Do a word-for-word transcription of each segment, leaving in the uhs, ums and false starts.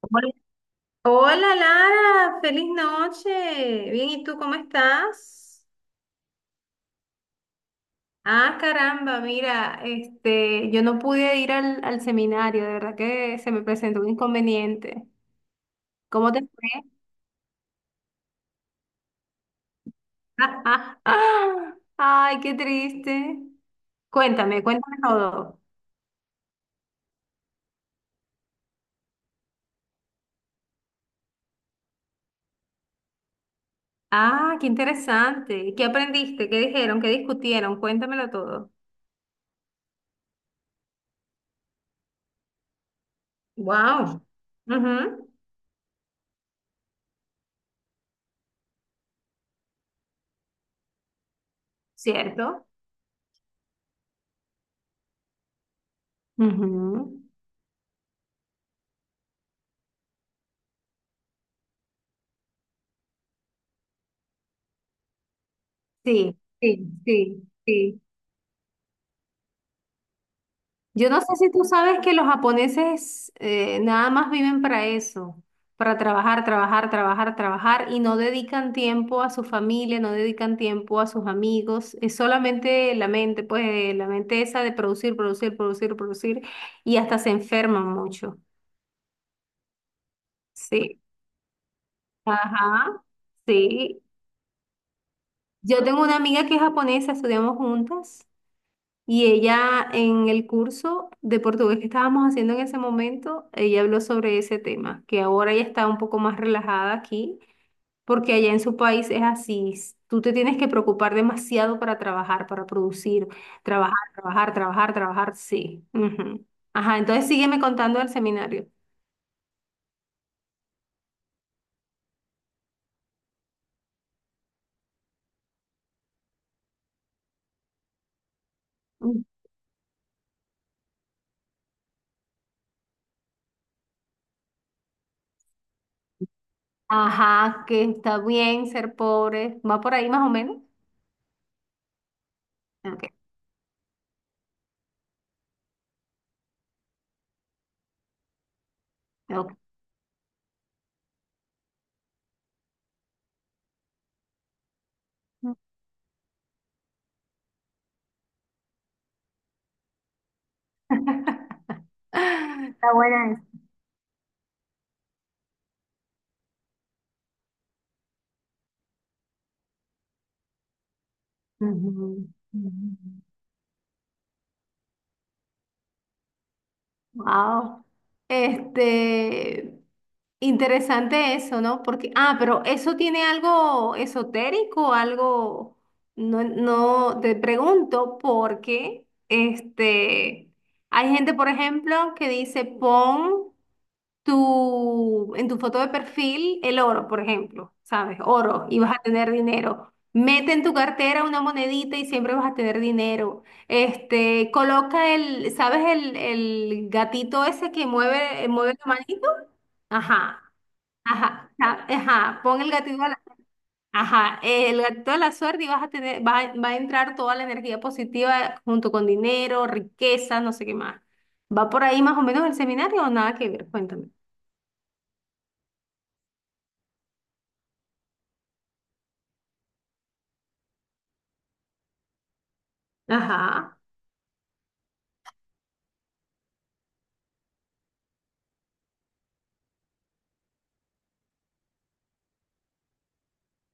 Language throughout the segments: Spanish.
Hola, Hola, Lara, feliz noche. Bien, ¿y tú cómo estás? Ah, caramba, mira, este, yo no pude ir al, al seminario, de verdad que se me presentó un inconveniente. ¿Cómo te fue? Ay, qué triste. Cuéntame, cuéntame todo. Ah, qué interesante. ¿Qué aprendiste? ¿Qué dijeron? ¿Qué discutieron? Cuéntamelo todo. Wow. Ujú. ¿Cierto? Ujú. Sí, sí, sí, sí. Yo no sé si tú sabes que los japoneses eh, nada más viven para eso, para trabajar, trabajar, trabajar, trabajar y no dedican tiempo a su familia, no dedican tiempo a sus amigos, es solamente la mente, pues la mente esa de producir, producir, producir, producir y hasta se enferman mucho. Sí, ajá, sí. Yo tengo una amiga que es japonesa, estudiamos juntas. Y ella en el curso de portugués que estábamos haciendo en ese momento, ella habló sobre ese tema, que ahora ella está un poco más relajada aquí, porque allá en su país es así, s- tú te tienes que preocupar demasiado para trabajar, para producir, trabajar, trabajar, trabajar, trabajar, sí. Ujú. Ajá, entonces sígueme contando del seminario. Mm. Ajá, que está bien ser pobre, va por ahí más o menos. Ok, ok. Está buena esa. Ujú, ujú. Wow. Este, interesante eso, ¿no? Porque, ah, pero eso tiene algo esotérico, algo, no, no, te pregunto porque, este, hay gente, por ejemplo, que dice pon tu, en tu foto de perfil el oro, por ejemplo, ¿sabes? Oro y vas a tener dinero. Mete en tu cartera una monedita y siempre vas a tener dinero. Este, coloca el, ¿sabes? El, el gatito ese que mueve, mueve la manito. Ajá, ajá, ja- ajá. Pon el gatito a la, ajá, el gatito a la suerte y vas a tener, va, a- va a entrar toda la energía positiva junto con dinero, riqueza, no sé qué más. ¿Va por ahí más o menos el seminario o nada que ver? Cuéntame. Ajá.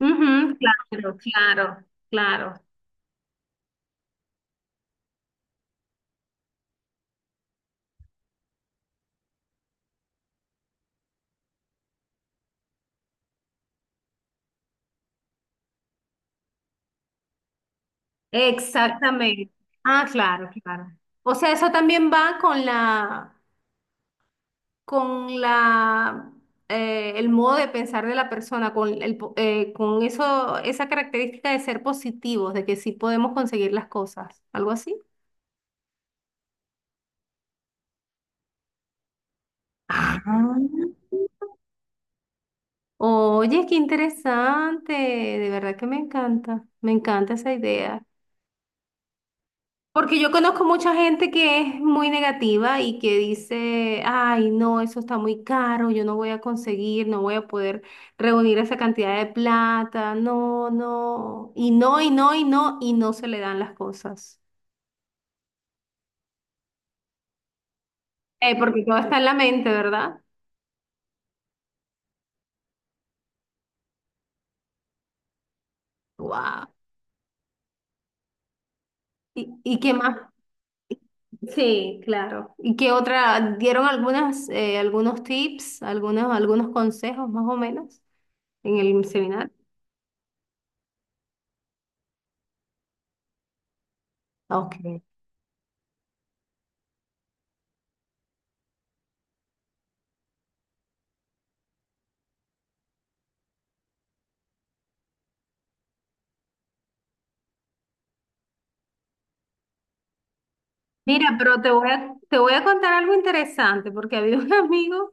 Ujú, claro, claro, claro. Exactamente. Ah, claro, claro. O sea, eso también va con la, con la, eh, el modo de pensar de la persona, con el, po- eh, con eso, esa característica de ser positivos, de que sí podemos conseguir las cosas, algo así. Ah. Oye, qué interesante, de verdad que me encanta, me encanta esa idea. Porque yo conozco mucha gente que es muy negativa y que dice, ay, no, eso está muy caro, yo no voy a conseguir, no voy a poder reunir esa cantidad de plata, no, no, y no, y no, y no, y no se le dan las cosas. Eh, porque todo está en la mente, ¿verdad? Wow. ¿Y, y qué más? Sí, claro. ¿Y qué otra? ¿Dieron algunas, eh, algunos tips, algunos, algunos consejos más o menos en el seminario? Ok. Mira, pero te voy a, te voy a contar algo interesante, porque había un amigo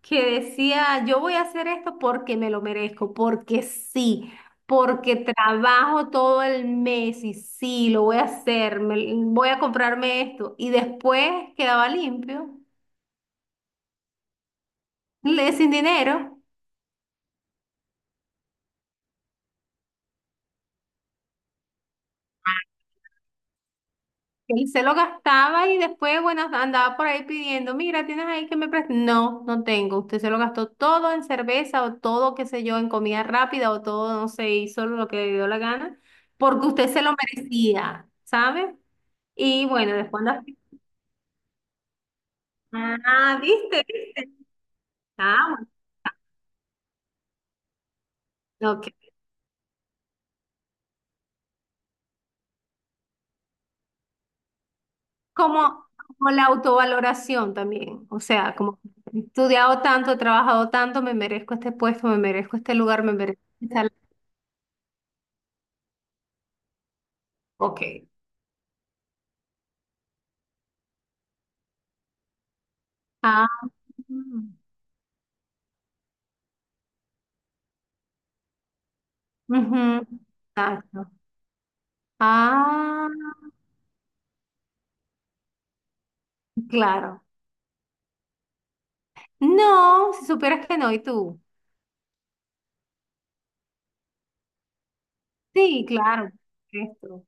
que decía, yo voy a hacer esto porque me lo merezco, porque sí, porque trabajo todo el mes y sí, lo voy a hacer, me- voy a comprarme esto. Y después quedaba limpio, le- sin dinero. Él se lo gastaba y después, bueno, andaba por ahí pidiendo, mira, ¿tienes ahí que me prestes? No, no tengo. Usted se lo gastó todo en cerveza o todo, qué sé yo, en comida rápida o todo, no sé, hizo lo que le dio la gana, porque usted se lo merecía, ¿sabe? Y bueno, después anda... Ah, ¿viste? ¿Viste? Ah, bueno, ok. Como, como la autovaloración también, o sea, como he estudiado tanto, he trabajado tanto, me merezco este puesto, me merezco este lugar, me merezco esta... Ok. Ah. Mm. Ujú. Exacto. Ah, claro. No, si supieras que no, ¿y tú? Sí, claro. Esto.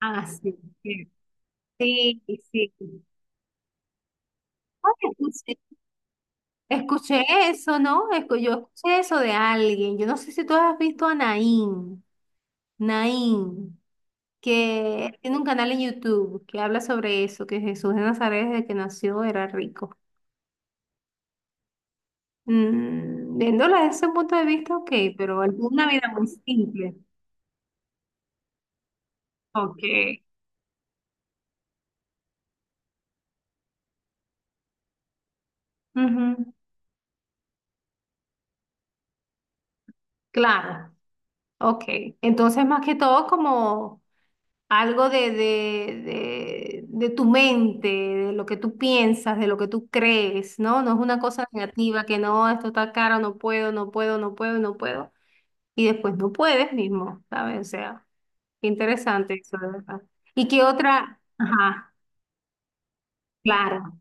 Ah, sí. Sí, sí, sí. Oye, escuché, escuché eso, ¿no? Escu- yo escuché eso de alguien. Yo no sé si tú has visto a Naín. Naín, que tiene un canal en YouTube que habla sobre eso, que Jesús de Nazaret desde que nació era rico. Mm, viéndolo desde ese punto de vista, ok, pero él tuvo una vida muy simple. Ok, ujú. Claro, ok. Entonces, más que todo, como algo de, de, de, de tu mente, de lo que tú piensas, de lo que tú crees, ¿no? No es una cosa negativa que no, esto está caro, no puedo, no puedo, no puedo, no puedo. Y después no puedes mismo, ¿sabes? O sea, qué interesante eso, de verdad. ¿Y qué otra? Ajá, claro.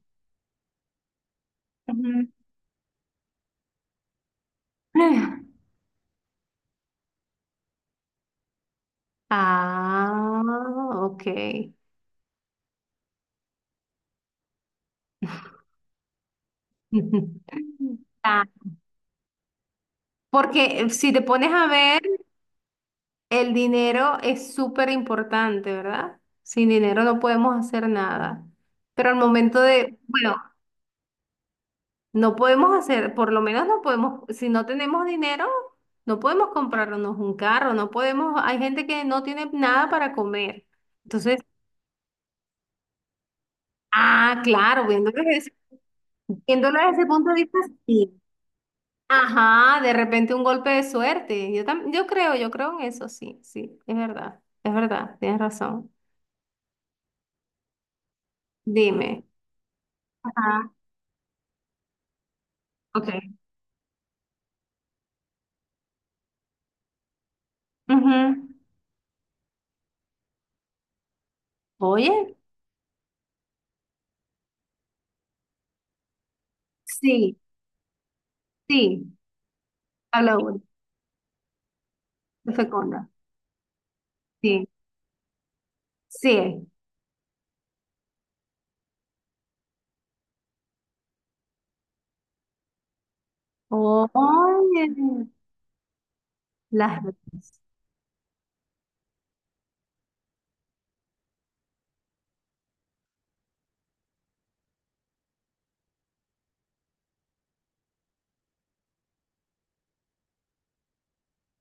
Ujú. Ah, ok. Claro. Porque eh, si te pones a ver, el dinero es súper importante, ¿verdad? Sin dinero no podemos hacer nada. Pero al momento de, bueno, no podemos hacer, por lo menos no podemos, si no tenemos dinero, no podemos comprarnos un carro, no podemos, hay gente que no tiene nada para comer. Entonces, ah, claro, viéndolo desde, viéndolo desde ese punto de vista, sí. Ajá, de repente un golpe de suerte. Yo tam- yo creo, yo creo en eso, sí, sí, es verdad, es verdad, tienes razón. Dime. Ajá, ok. Ujú. Oye, sí, sí. Habla uno. De fecunda. Sí, sí. Oye, las dos.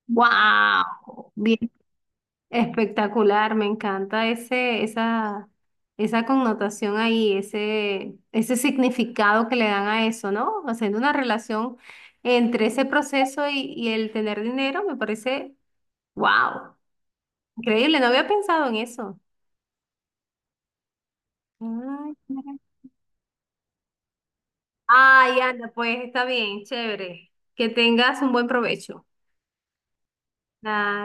Wow. Bien. Espectacular. Me encanta ese, esa, esa connotación ahí, ese, ese significado que le dan a eso, ¿no? Haciendo una relación entre ese proceso y, y el tener dinero me parece, wow. Increíble. No había pensado en eso. Ay, mira. Ay, Ana, pues está bien, chévere. Que tengas un buen provecho. Dale.